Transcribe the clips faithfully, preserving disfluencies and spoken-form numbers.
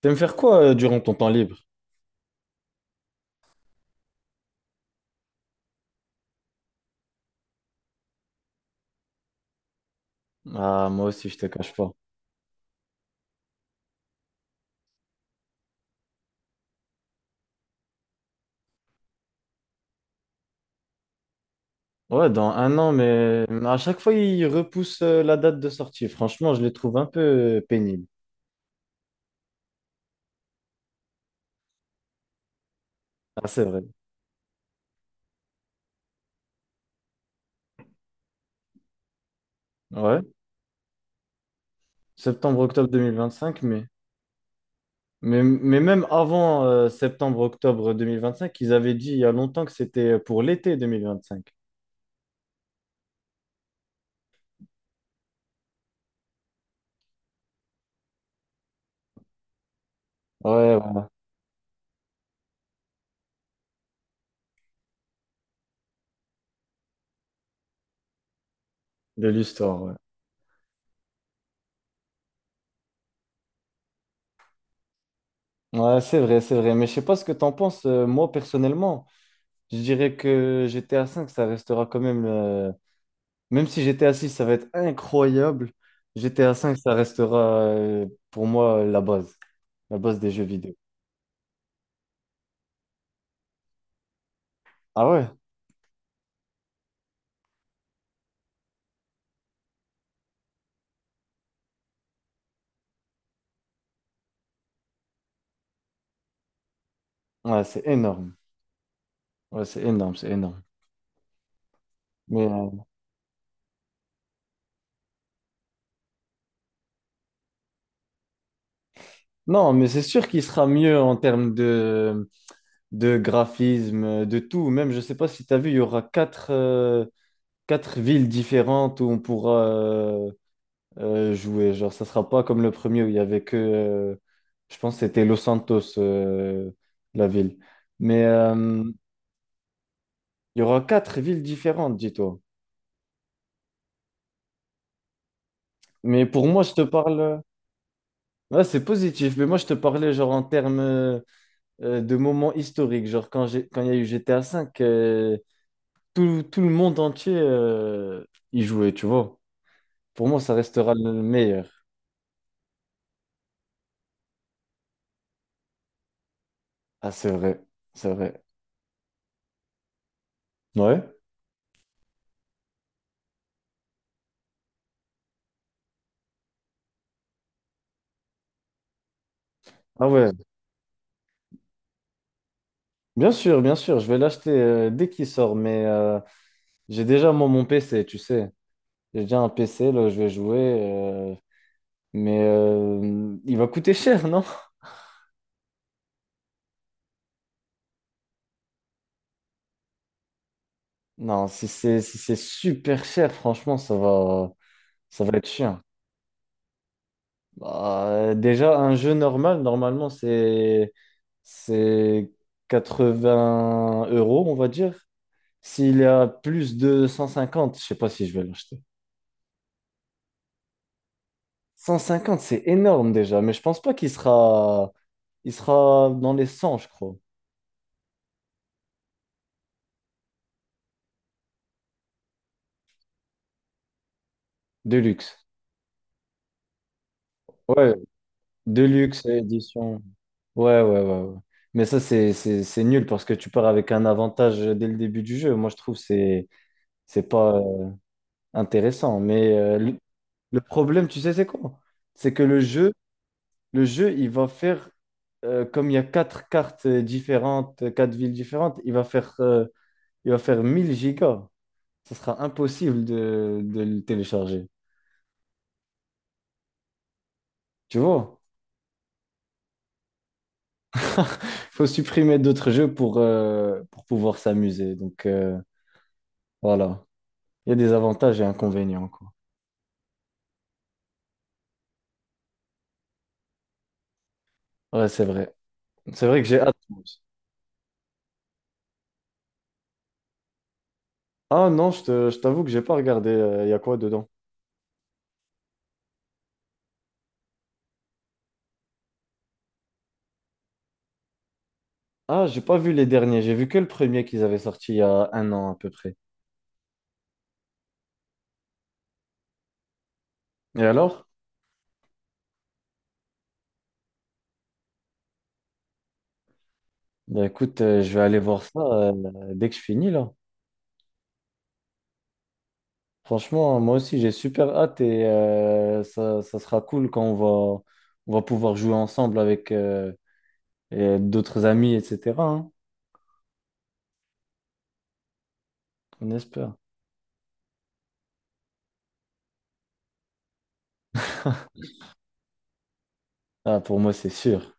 T'aimes faire quoi euh, durant ton temps libre? Ah, moi aussi, je te cache pas. Ouais, dans un an, mais à chaque fois, ils repoussent euh, la date de sortie. Franchement, je les trouve un peu euh, pénibles. Ah, c'est vrai. Ouais. Septembre, octobre deux mille vingt-cinq, mais, mais, mais même avant euh, septembre, octobre vingt vingt-cinq, ils avaient dit il y a longtemps que c'était pour l'été deux mille vingt-cinq. Ouais, ouais, de l'histoire, ouais. Ouais, c'est vrai, c'est vrai. Mais je sais pas ce que t'en penses. Euh, moi, personnellement, je dirais que G T A cinq, ça restera quand même. euh, Même si G T A six, ça va être incroyable, G T A cinq, ça restera euh, pour moi la base, la base des jeux vidéo. Ah ouais? Ouais, c'est énorme. Ouais, c'est énorme, c'est énorme. Mais, euh, non, mais c'est sûr qu'il sera mieux en termes de, de graphisme, de tout. Même, je sais pas si tu as vu, il y aura quatre, euh, quatre villes différentes où on pourra euh, euh, jouer. Genre, ça sera pas comme le premier où il y avait que, euh, je pense que c'était Los Santos, euh, la ville. Mais euh, il y aura quatre villes différentes, dis-toi. Mais pour moi, je te parle. Ouais, c'est positif, mais moi, je te parlais genre en termes euh, euh, de moments historiques. Genre, quand j'ai, quand il y a eu G T A cinq, euh, tout, tout le monde entier euh, y jouait, tu vois. Pour moi, ça restera le meilleur. Ah, c'est vrai, c'est vrai. Ouais. Ah ouais, bien sûr, bien sûr, je vais l'acheter euh, dès qu'il sort, mais euh, j'ai déjà moi mon P C, tu sais. J'ai déjà un P C, là, je vais jouer, euh, mais euh, il va coûter cher, non? Non, si c'est si c'est super cher, franchement, ça va, ça va être chiant. Bah, déjà, un jeu normal, normalement, c'est c'est quatre-vingts euros, on va dire. S'il y a plus de cent cinquante, je sais pas si je vais l'acheter. cent cinquante, c'est énorme déjà, mais je pense pas qu'il sera il sera dans les cent, je crois, de luxe. Ouais, de luxe, édition. Ouais, ouais, ouais, ouais. Mais ça, c'est, c'est, c'est nul parce que tu pars avec un avantage dès le début du jeu. Moi, je trouve que c'est, c'est pas euh, intéressant. Mais euh, le, le problème, tu sais, c'est quoi? C'est que le jeu, le jeu, il va faire, euh, comme il y a quatre cartes euh, différentes, euh, quatre villes différentes, il va faire, euh, il va faire mille gigas. Ça sera impossible de, de le télécharger. Tu vois? Faut supprimer d'autres jeux pour, euh, pour pouvoir s'amuser. Donc, euh, voilà. Il y a des avantages et inconvénients, quoi. Ouais, c'est vrai. C'est vrai que j'ai hâte. Ah non, je te- je t'avoue que j'ai pas regardé. euh, Il y a quoi dedans? Ah, j'ai pas vu les derniers. J'ai vu que le premier qu'ils avaient sorti il y a un an à peu près. Et alors? Bah écoute, euh, je vais aller voir ça euh, dès que je finis là. Franchement, moi aussi, j'ai super hâte et euh, ça, ça sera cool quand on va, on va pouvoir jouer ensemble avec euh, et d'autres amis, et cetera Hein. On espère. Ah, pour moi, c'est sûr.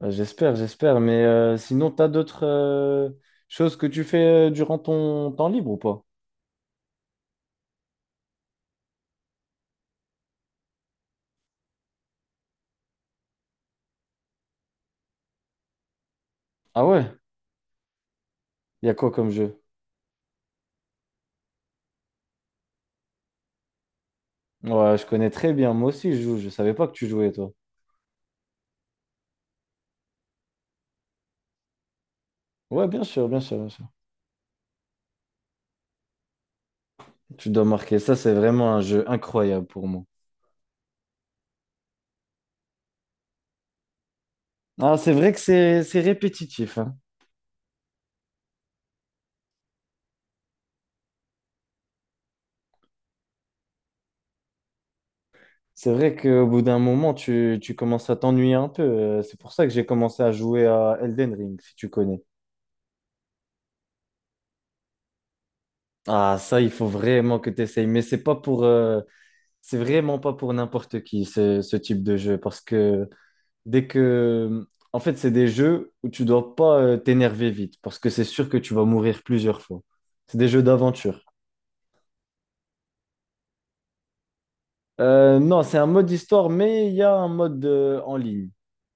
Bah, j'espère, j'espère. Mais euh, sinon, t'as d'autres euh, choses que tu fais euh, durant ton temps libre ou pas? Ah ouais? Il y a quoi comme jeu? Ouais, je connais très bien. Moi aussi, je joue. Je savais pas que tu jouais, toi. Ouais, bien sûr, bien sûr, bien sûr. Tu dois marquer. Ça, c'est vraiment un jeu incroyable pour moi. Ah, c'est vrai que c'est c'est répétitif, hein. C'est vrai qu'au bout d'un moment, tu, tu commences à t'ennuyer un peu. Euh, C'est pour ça que j'ai commencé à jouer à Elden Ring, si tu connais. Ah, ça, il faut vraiment que tu essayes. Mais c'est pas pour, euh, c'est vraiment pas pour n'importe qui ce, ce type de jeu parce que dès que en fait c'est des jeux où tu dois pas euh, t'énerver vite parce que c'est sûr que tu vas mourir plusieurs fois. C'est des jeux d'aventure. Euh, non, c'est un mode histoire mais il y a un mode euh, en ligne.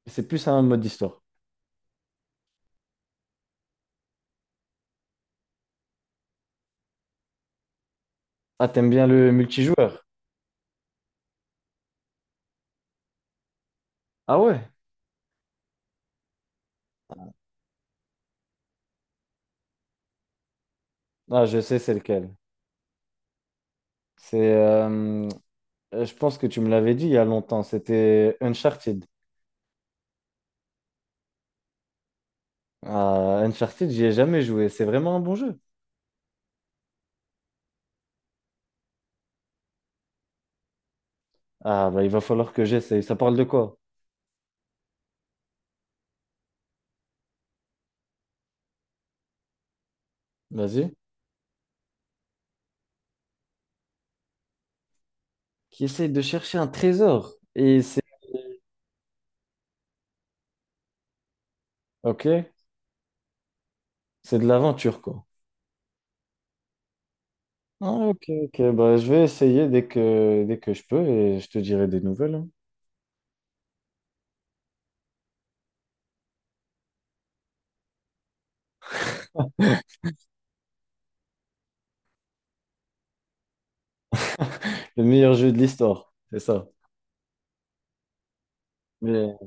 C'est plus un mode histoire. Ah, t'aimes bien le multijoueur? Ah ouais? Ah, je sais c'est lequel. C'est euh, euh, je pense que tu me l'avais dit il y a longtemps, c'était Uncharted. Ah, Uncharted, j'y ai jamais joué. C'est vraiment un bon jeu. Ah, bah, il va falloir que j'essaye. Ça parle de quoi? Vas-y. Qui essaye de chercher un trésor. Et c'est. Ok, c'est de l'aventure, quoi. Ah, ok, ok. Bah, je vais essayer dès que, dès que je peux et je te dirai des nouvelles. Hein. Le meilleur jeu de l'histoire, c'est ça. Mais,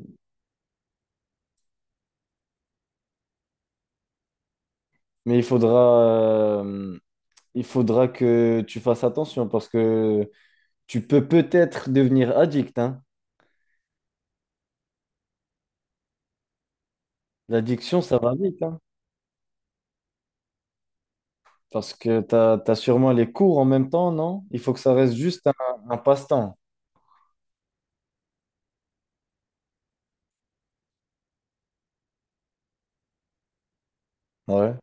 mais il faudra, euh, il faudra que tu fasses attention parce que tu peux peut-être devenir addict, hein. L'addiction, ça va vite, hein. Parce que tu as, sûrement les cours en même temps, non? Il faut que ça reste juste un, un passe-temps. Ouais.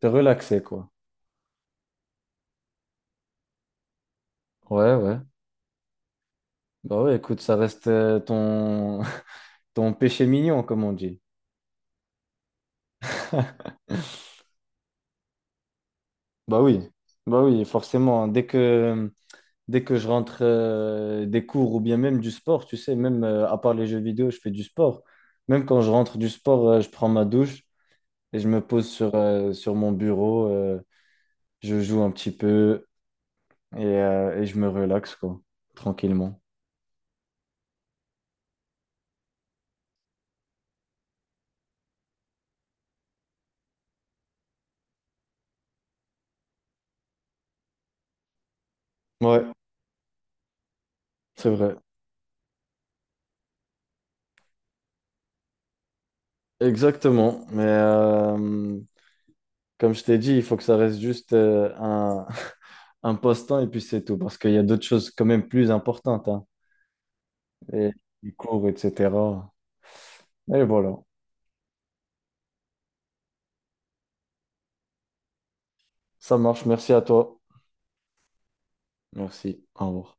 C'est relaxé, quoi. Ouais, ouais. Bah ouais, écoute, ça reste euh, ton ton péché mignon, comme on dit. Bah oui, bah oui, forcément. Hein. Dès que, dès que je rentre euh, des cours ou bien même du sport, tu sais, même euh, à part les jeux vidéo, je fais du sport. Même quand je rentre du sport, euh, je prends ma douche et je me pose sur, euh, sur mon bureau, euh, je joue un petit peu et, euh, et je me relaxe, quoi, tranquillement. Ouais, c'est vrai. Exactement. Mais euh, comme je t'ai dit, il faut que ça reste juste euh, un, un passe-temps et puis c'est tout. Parce qu'il y a d'autres choses quand même plus importantes, hein. Et les cours, et cetera. Et voilà. Ça marche. Merci à toi. Merci. Au revoir.